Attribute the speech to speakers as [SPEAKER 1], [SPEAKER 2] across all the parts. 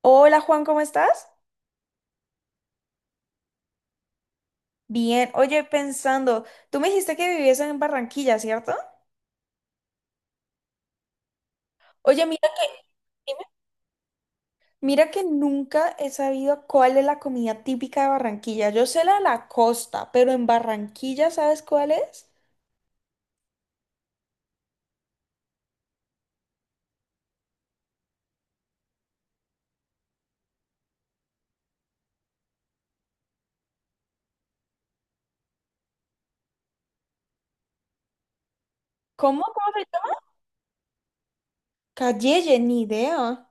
[SPEAKER 1] Hola Juan, ¿cómo estás? Bien, oye, pensando, tú me dijiste que vivías en Barranquilla, ¿cierto? Oye, dime. Mira que nunca he sabido cuál es la comida típica de Barranquilla. Yo sé la de la costa, pero en Barranquilla, ¿sabes cuál es? ¿Cómo? ¿Cómo se llama? Calleye, ni idea.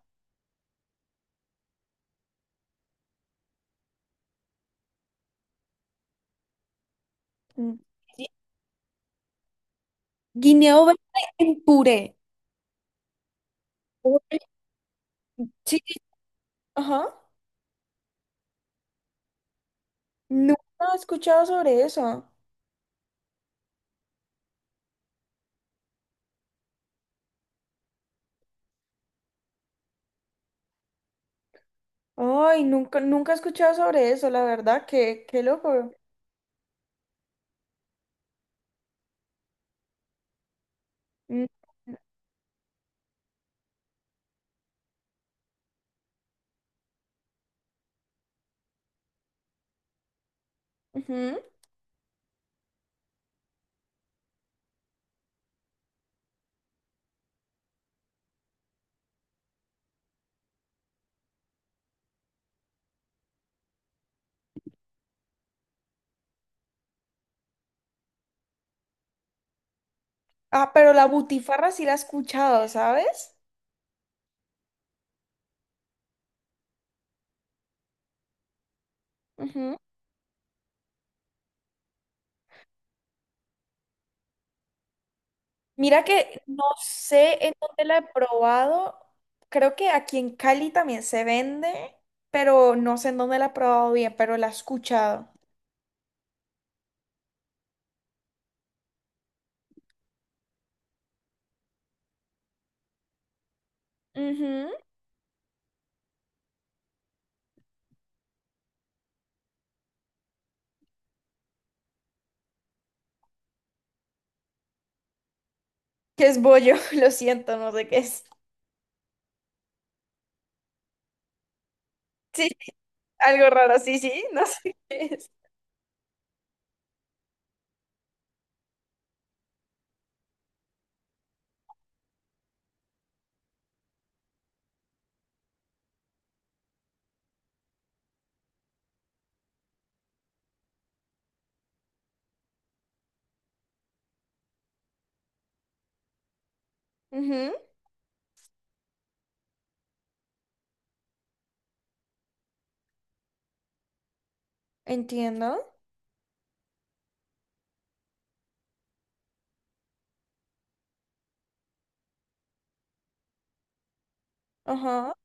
[SPEAKER 1] Mm. gui- Guineo verde en puré. Uy, sí, sí, ajá. Nunca he escuchado sobre eso. Ay, nunca, nunca he escuchado sobre eso, la verdad, qué loco. Mm. Ujú. Ah, pero la butifarra sí la he escuchado, ¿sabes? Ujú. Mira que no sé en dónde la he probado. Creo que aquí en Cali también se vende, pero no sé en dónde la he probado bien, pero la he escuchado. Ujú. Que es bollo, lo siento, no sé qué es. Sí, algo raro, sí, sí, no sé qué es. Ujú. Entiendo. Ajá.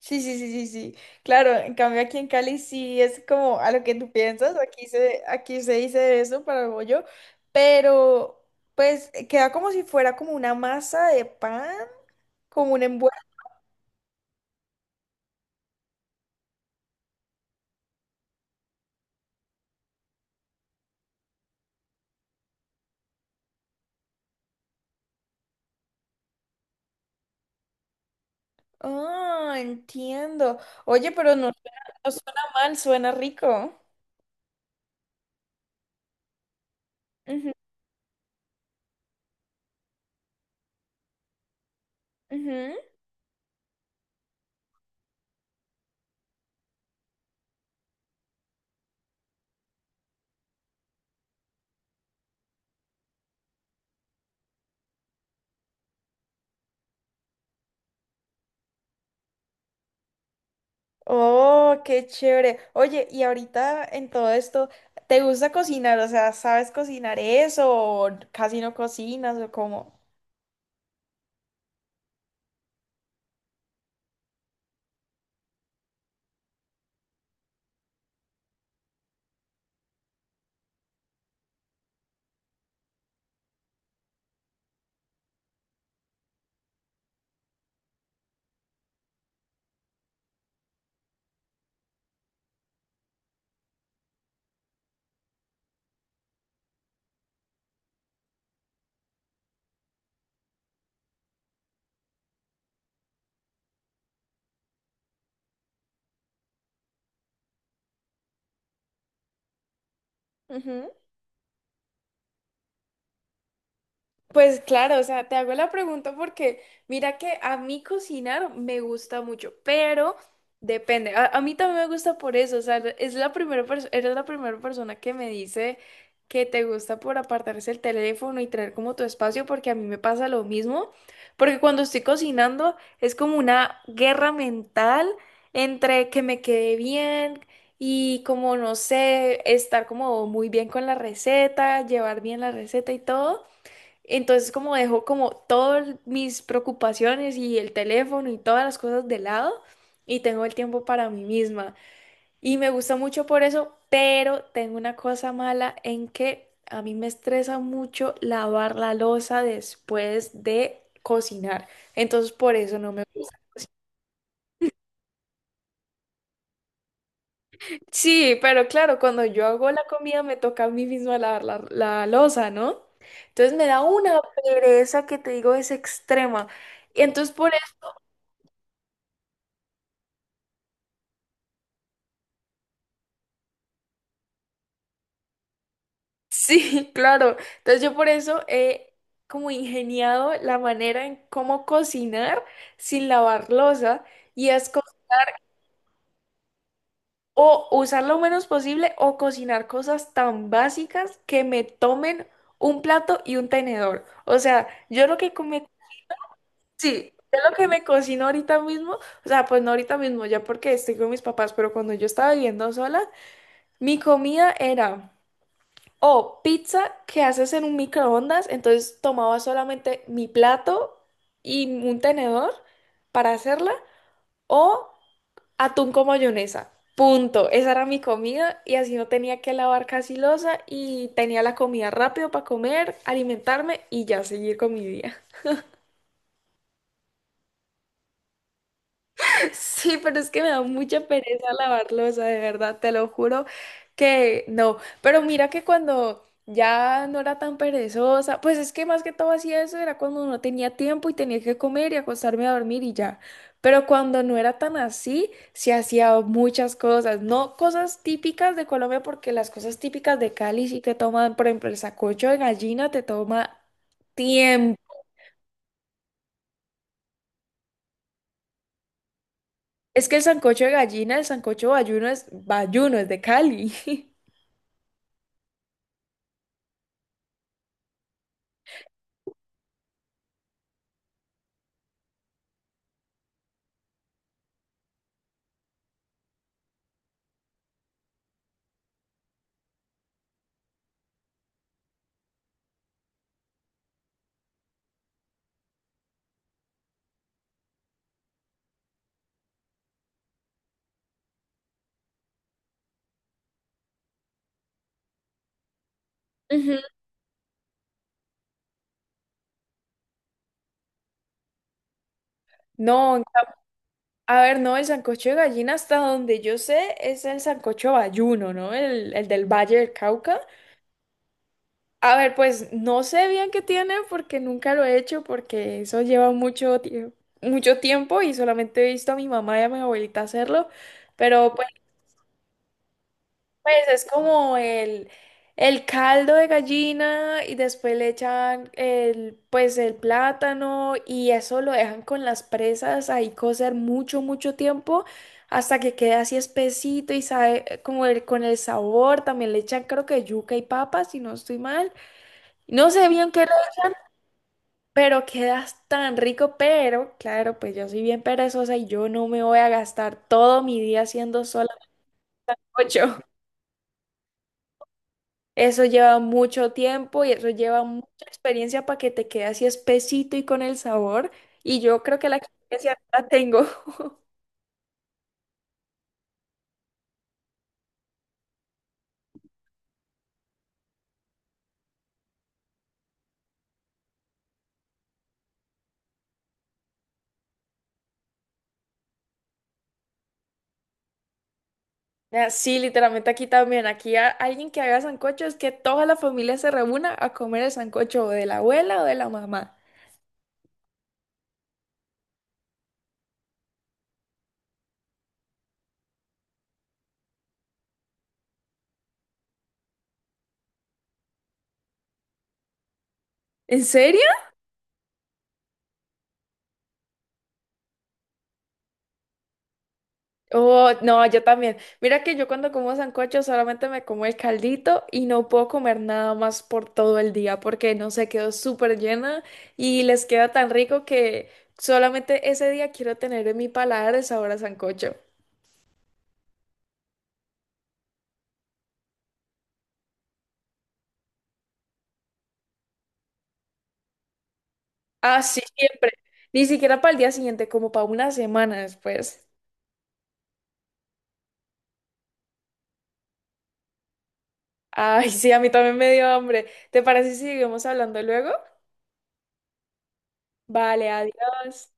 [SPEAKER 1] Sí, sí, sí, sí, sí. Claro, en cambio aquí en Cali sí es como a lo que tú piensas, aquí se dice eso para bollo, pero pues queda como si fuera como una masa de pan, como un envuelto. Ah, entiendo. Oye, pero no suena mal, suena rico. Ujú, ujú. Oh, qué chévere. Oye, y ahorita en todo esto, ¿te gusta cocinar? O sea, ¿sabes cocinar eso o casi no cocinas o cómo? Pues claro, o sea, te hago la pregunta porque mira que a mí cocinar me gusta mucho, pero depende. A mí también me gusta por eso, o sea, es la eres la primera persona que me dice que te gusta por apartarse el teléfono y tener como tu espacio, porque a mí me pasa lo mismo, porque cuando estoy cocinando es como una guerra mental entre que me quede bien. Y como no sé, estar como muy bien con la receta, llevar bien la receta y todo. Entonces como dejo como todas mis preocupaciones y el teléfono y todas las cosas de lado y tengo el tiempo para mí misma. Y me gusta mucho por eso, pero tengo una cosa mala en que a mí me estresa mucho lavar la loza después de cocinar. Entonces por eso no me gusta. Sí, pero claro, cuando yo hago la comida me toca a mí misma lavar la loza, ¿no? Entonces me da una pereza que te digo es extrema. Y entonces por Sí, claro. Entonces yo por eso he como ingeniado la manera en cómo cocinar sin lavar loza y es co- o usar lo menos posible o cocinar cosas tan básicas que me tomen un plato y un tenedor. O sea, yo lo que come, sí, yo lo que me cocino ahorita mismo, o sea, pues no ahorita mismo, ya porque estoy con mis papás, pero cuando yo estaba viviendo sola, mi comida era o pizza que haces en un microondas, entonces tomaba solamente mi plato y un tenedor para hacerla. O atún con mayonesa. Punto. Esa era mi comida y así no tenía que lavar casi loza y tenía la comida rápido para comer, alimentarme y ya seguir con mi día. Sí, pero es que me da mucha pereza lavar losa, de verdad, te lo juro que no. Pero mira que cuando ya no era tan perezosa, pues es que más que todo hacía eso, era cuando no tenía tiempo y tenía que comer y acostarme a dormir y ya. Pero cuando no era tan así, se hacía muchas cosas, no cosas típicas de Colombia, porque las cosas típicas de Cali sí te toman, por ejemplo, el sancocho de gallina te toma tiempo. Es que el sancocho de gallina, el sancocho bayuno, es de Cali. Ujú. No, a ver, no, el sancocho de gallina hasta donde yo sé es el sancocho bayuno, ¿no? El del Valle del Cauca. A ver, pues no sé bien qué tiene porque nunca lo he hecho porque eso lleva mucho tiempo y solamente he visto a mi mamá y a mi abuelita hacerlo, pero pues pues es como el caldo de gallina y después le echan el plátano y eso lo dejan con las presas ahí cocer mucho, mucho tiempo hasta que quede así espesito y sabe con el sabor. También le echan creo que yuca y papas, si no estoy mal. No sé bien qué. Pero queda tan rico, pero claro, pues yo soy bien perezosa y yo no me voy a gastar todo mi día haciendo solo ocho. Eso lleva mucho tiempo y eso lleva mucha experiencia para que te quede así espesito y con el sabor. Y yo creo que la experiencia no la tengo. Ah, sí, literalmente aquí también. Aquí alguien que haga sancocho es que toda la familia se reúna a comer el sancocho o de la abuela o de la mamá. ¿En serio? Oh, no, yo también. Mira que yo cuando como sancocho solamente me como el caldito y no puedo comer nada más por todo el día porque no sé, quedo súper llena y les queda tan rico que solamente ese día quiero tener en mi paladar el sabor a sancocho. Así siempre. Ni siquiera para el día siguiente, como para una semana después. Ay, sí, a mí también me dio hambre. ¿Te parece si seguimos hablando luego? Vale, adiós.